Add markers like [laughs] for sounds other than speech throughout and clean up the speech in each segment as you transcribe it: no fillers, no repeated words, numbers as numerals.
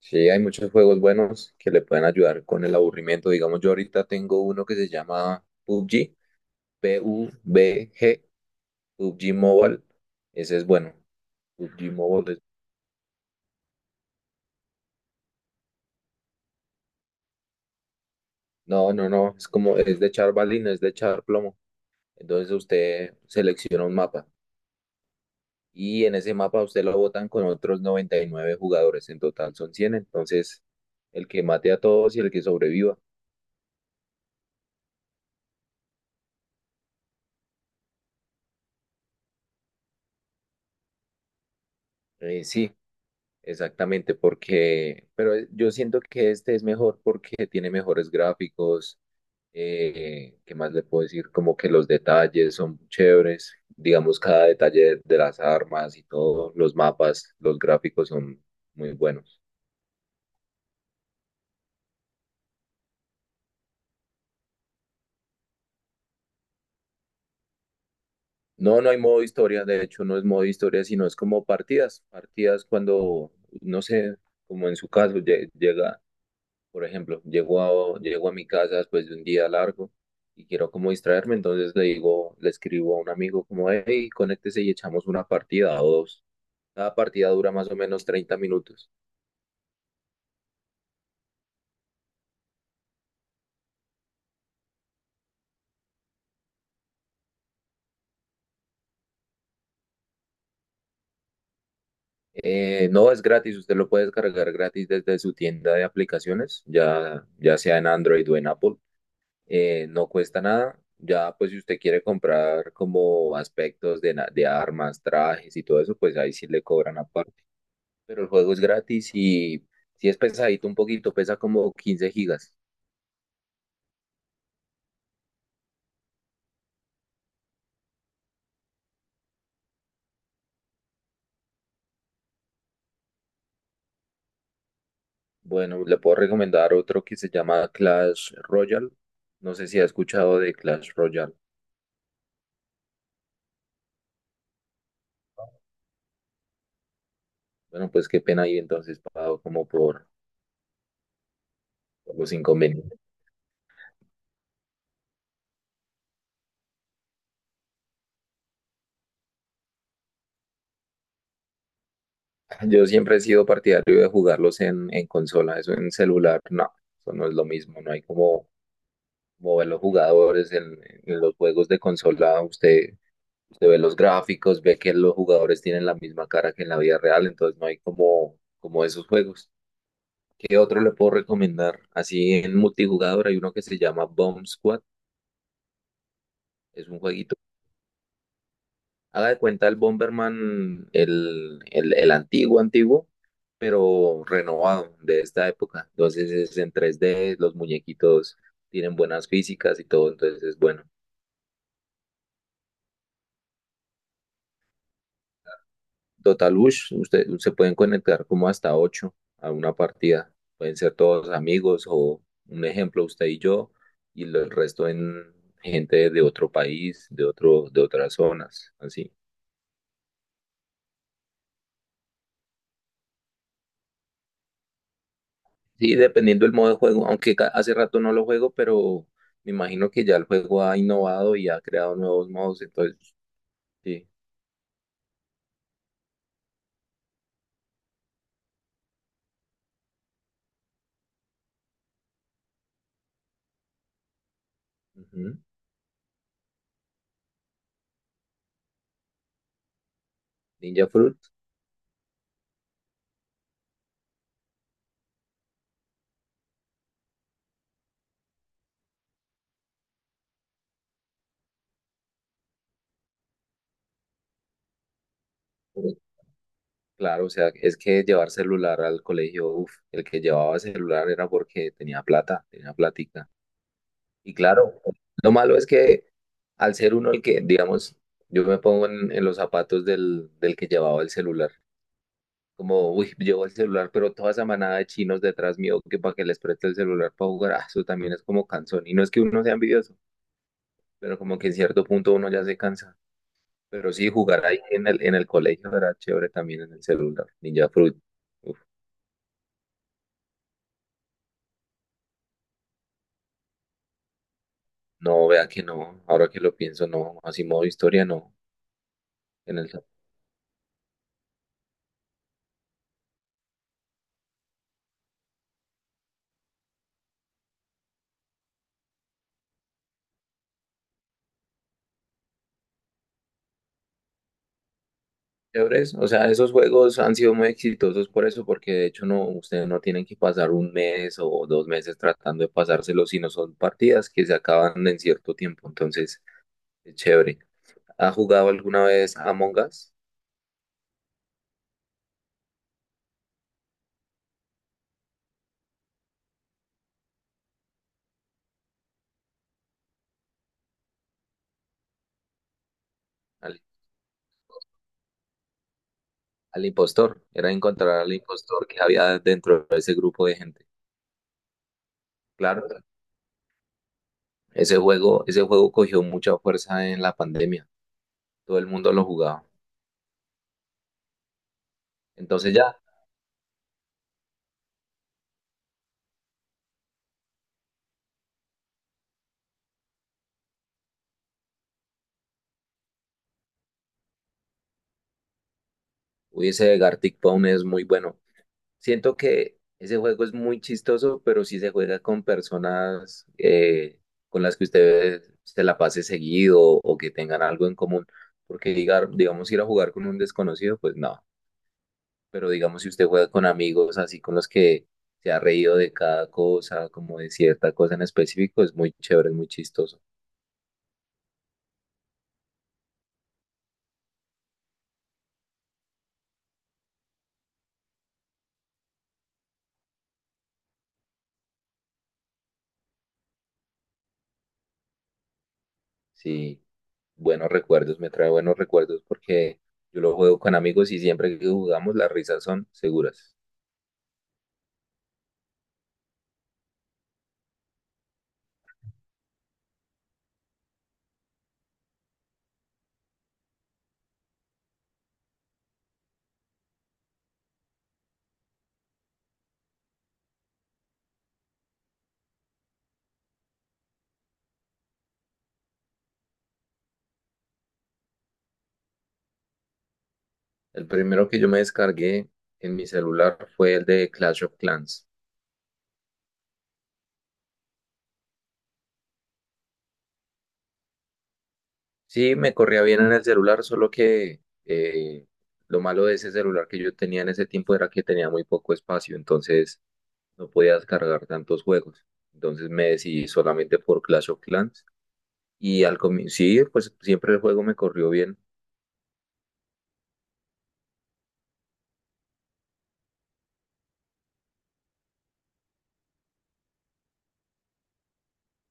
Sí, hay muchos juegos buenos que le pueden ayudar con el aburrimiento. Digamos, yo ahorita tengo uno que se llama PUBG, P-U-B-G, PUBG Mobile. Ese es bueno. PUBG Mobile. No, no, no. Es como, es de echar balines, es de echar plomo. Entonces usted selecciona un mapa y en ese mapa usted lo botan con otros 99 jugadores. En total son 100. Entonces, el que mate a todos y el que sobreviva. Sí, exactamente, pero yo siento que este es mejor porque tiene mejores gráficos. ¿Qué más le puedo decir? Como que los detalles son chéveres, digamos, cada detalle de las armas y todo, los mapas, los gráficos son muy buenos. No, no hay modo historia, de hecho no es modo historia, sino es como partidas, partidas cuando, no sé, como en su caso, llega. Por ejemplo, llego a mi casa después de un día largo y quiero como distraerme, entonces le digo, le escribo a un amigo como, hey, conéctese y echamos una partida o dos. Cada partida dura más o menos 30 minutos. No es gratis, usted lo puede descargar gratis desde su tienda de aplicaciones, ya, ya sea en Android o en Apple. No cuesta nada. Ya, pues si usted quiere comprar como aspectos de armas, trajes y todo eso, pues ahí sí le cobran aparte. Pero el juego es gratis y si es pesadito un poquito, pesa como 15 gigas. Bueno, le puedo recomendar otro que se llama Clash Royale. No sé si ha escuchado de Clash Royale. Bueno, pues qué pena ahí entonces, pago como por los inconvenientes. [laughs] Yo siempre he sido partidario de jugarlos en consola, eso en celular, no, eso no es lo mismo, no hay como mover los jugadores en los juegos de consola. Usted se ve los gráficos, ve que los jugadores tienen la misma cara que en la vida real, entonces no hay como esos juegos. ¿Qué otro le puedo recomendar? Así en multijugador hay uno que se llama Bomb Squad, es un jueguito. Haga de cuenta el Bomberman, el antiguo, antiguo, pero renovado de esta época. Entonces es en 3D, los muñequitos tienen buenas físicas y todo, entonces es bueno. Total Bush, usted, se pueden conectar como hasta ocho a una partida. Pueden ser todos amigos o un ejemplo, usted y yo, y lo- el resto en gente de otro país, de otro, de otras zonas, así. Sí, dependiendo del modo de juego, aunque hace rato no lo juego, pero me imagino que ya el juego ha innovado y ha creado nuevos modos, entonces, sí. Ujú. Ninja Fruit. Pues claro, o sea, es que llevar celular al colegio, uf, el que llevaba celular era porque tenía plata, tenía plática. Y claro, lo malo es que al ser uno el que, digamos, yo me pongo en los zapatos del que llevaba el celular. Como, uy, llevo el celular, pero toda esa manada de chinos detrás mío que para que les preste el celular para jugar, ah, eso también es como cansón. Y no es que uno sea envidioso, pero como que en cierto punto uno ya se cansa. Pero sí, jugar ahí en el colegio era chévere también en el celular. Ninja Fruit. Uf, no, vea que no, ahora que lo pienso, no, así modo historia, no. En el chéveres. O sea, esos juegos han sido muy exitosos por eso, porque de hecho no, ustedes no tienen que pasar un mes o 2 meses tratando de pasárselo, sino son partidas que se acaban en cierto tiempo. Entonces, es chévere. ¿Ha jugado alguna vez Among Us? Al, al impostor. Era encontrar al impostor que había dentro de ese grupo de gente. Claro, ese juego cogió mucha fuerza en la pandemia. Todo el mundo lo jugaba. Entonces ya, hubiese Gartic Town es muy bueno. Siento que ese juego es muy chistoso, pero si se juega con personas con las que usted se la pase seguido o que tengan algo en común, porque digamos ir a jugar con un desconocido, pues no, pero digamos si usted juega con amigos así con los que se ha reído de cada cosa, como de cierta cosa en específico, es muy chévere, es muy chistoso. Sí, buenos recuerdos, me trae buenos recuerdos porque yo lo juego con amigos y siempre que jugamos las risas son seguras. El primero que yo me descargué en mi celular fue el de Clash of Clans. Sí, me corría bien en el celular, solo que eh, lo malo de ese celular que yo tenía en ese tiempo era que tenía muy poco espacio, entonces no podía descargar tantos juegos. Entonces me decidí solamente por Clash of Clans. Y al comienzo, sí, pues siempre el juego me corrió bien.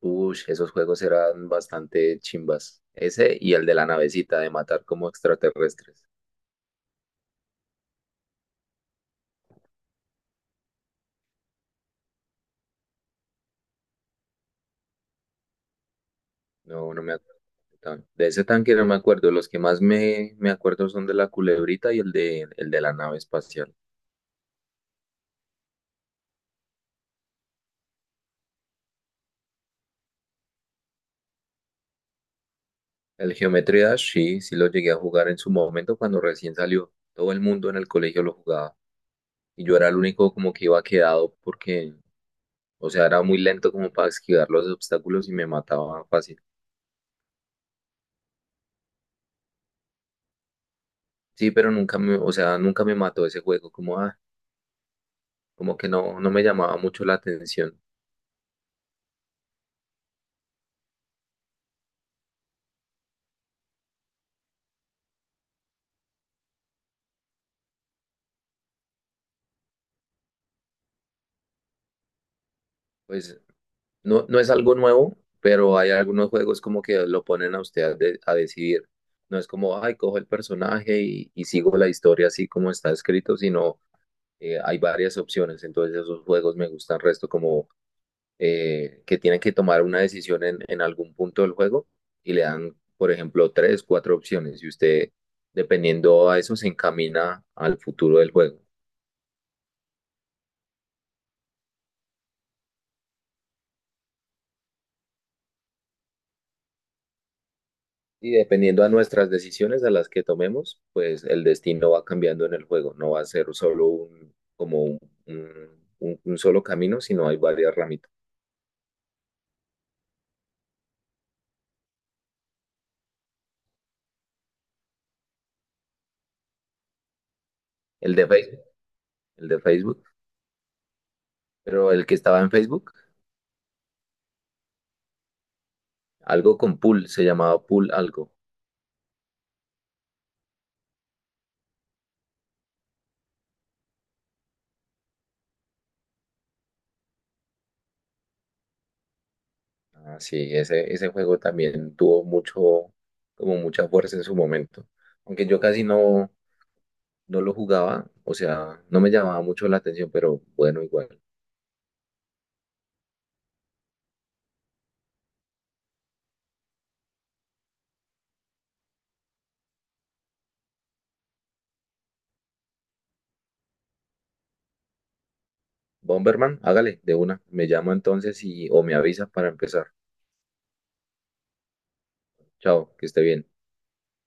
Uy, esos juegos eran bastante chimbas. Ese y el de la navecita de matar como extraterrestres. No, no me acuerdo. De ese tanque no me acuerdo. Los que más me acuerdo son de la culebrita y el de la nave espacial. El Geometry Dash, sí, sí lo llegué a jugar en su momento cuando recién salió. Todo el mundo en el colegio lo jugaba. Y yo era el único como que iba quedado porque, o sea, era muy lento como para esquivar los obstáculos y me mataba fácil. Sí, pero nunca me, o sea, nunca me mató ese juego. Como, ah, como que no, no me llamaba mucho la atención. Pues no, no es algo nuevo, pero hay algunos juegos como que lo ponen a usted a decidir. No es como, ay, cojo el personaje y sigo la historia así como está escrito, sino hay varias opciones. Entonces esos juegos me gustan resto como que tienen que tomar una decisión en algún punto del juego y le dan, por ejemplo, tres, cuatro opciones y usted, dependiendo a eso, se encamina al futuro del juego. Y dependiendo a nuestras decisiones, a las que tomemos, pues el destino va cambiando en el juego. No va a ser solo un, como un solo camino, sino hay varias ramitas. El de Facebook, el de Facebook, pero el que estaba en Facebook, algo con pool, se llamaba pool algo. Ah, sí, ese juego también tuvo mucho, como mucha fuerza en su momento. Aunque yo casi no, no lo jugaba, o sea, no me llamaba mucho la atención, pero bueno, igual. Bomberman, hágale de una. Me llamo entonces y o me avisa para empezar. Chao, que esté bien.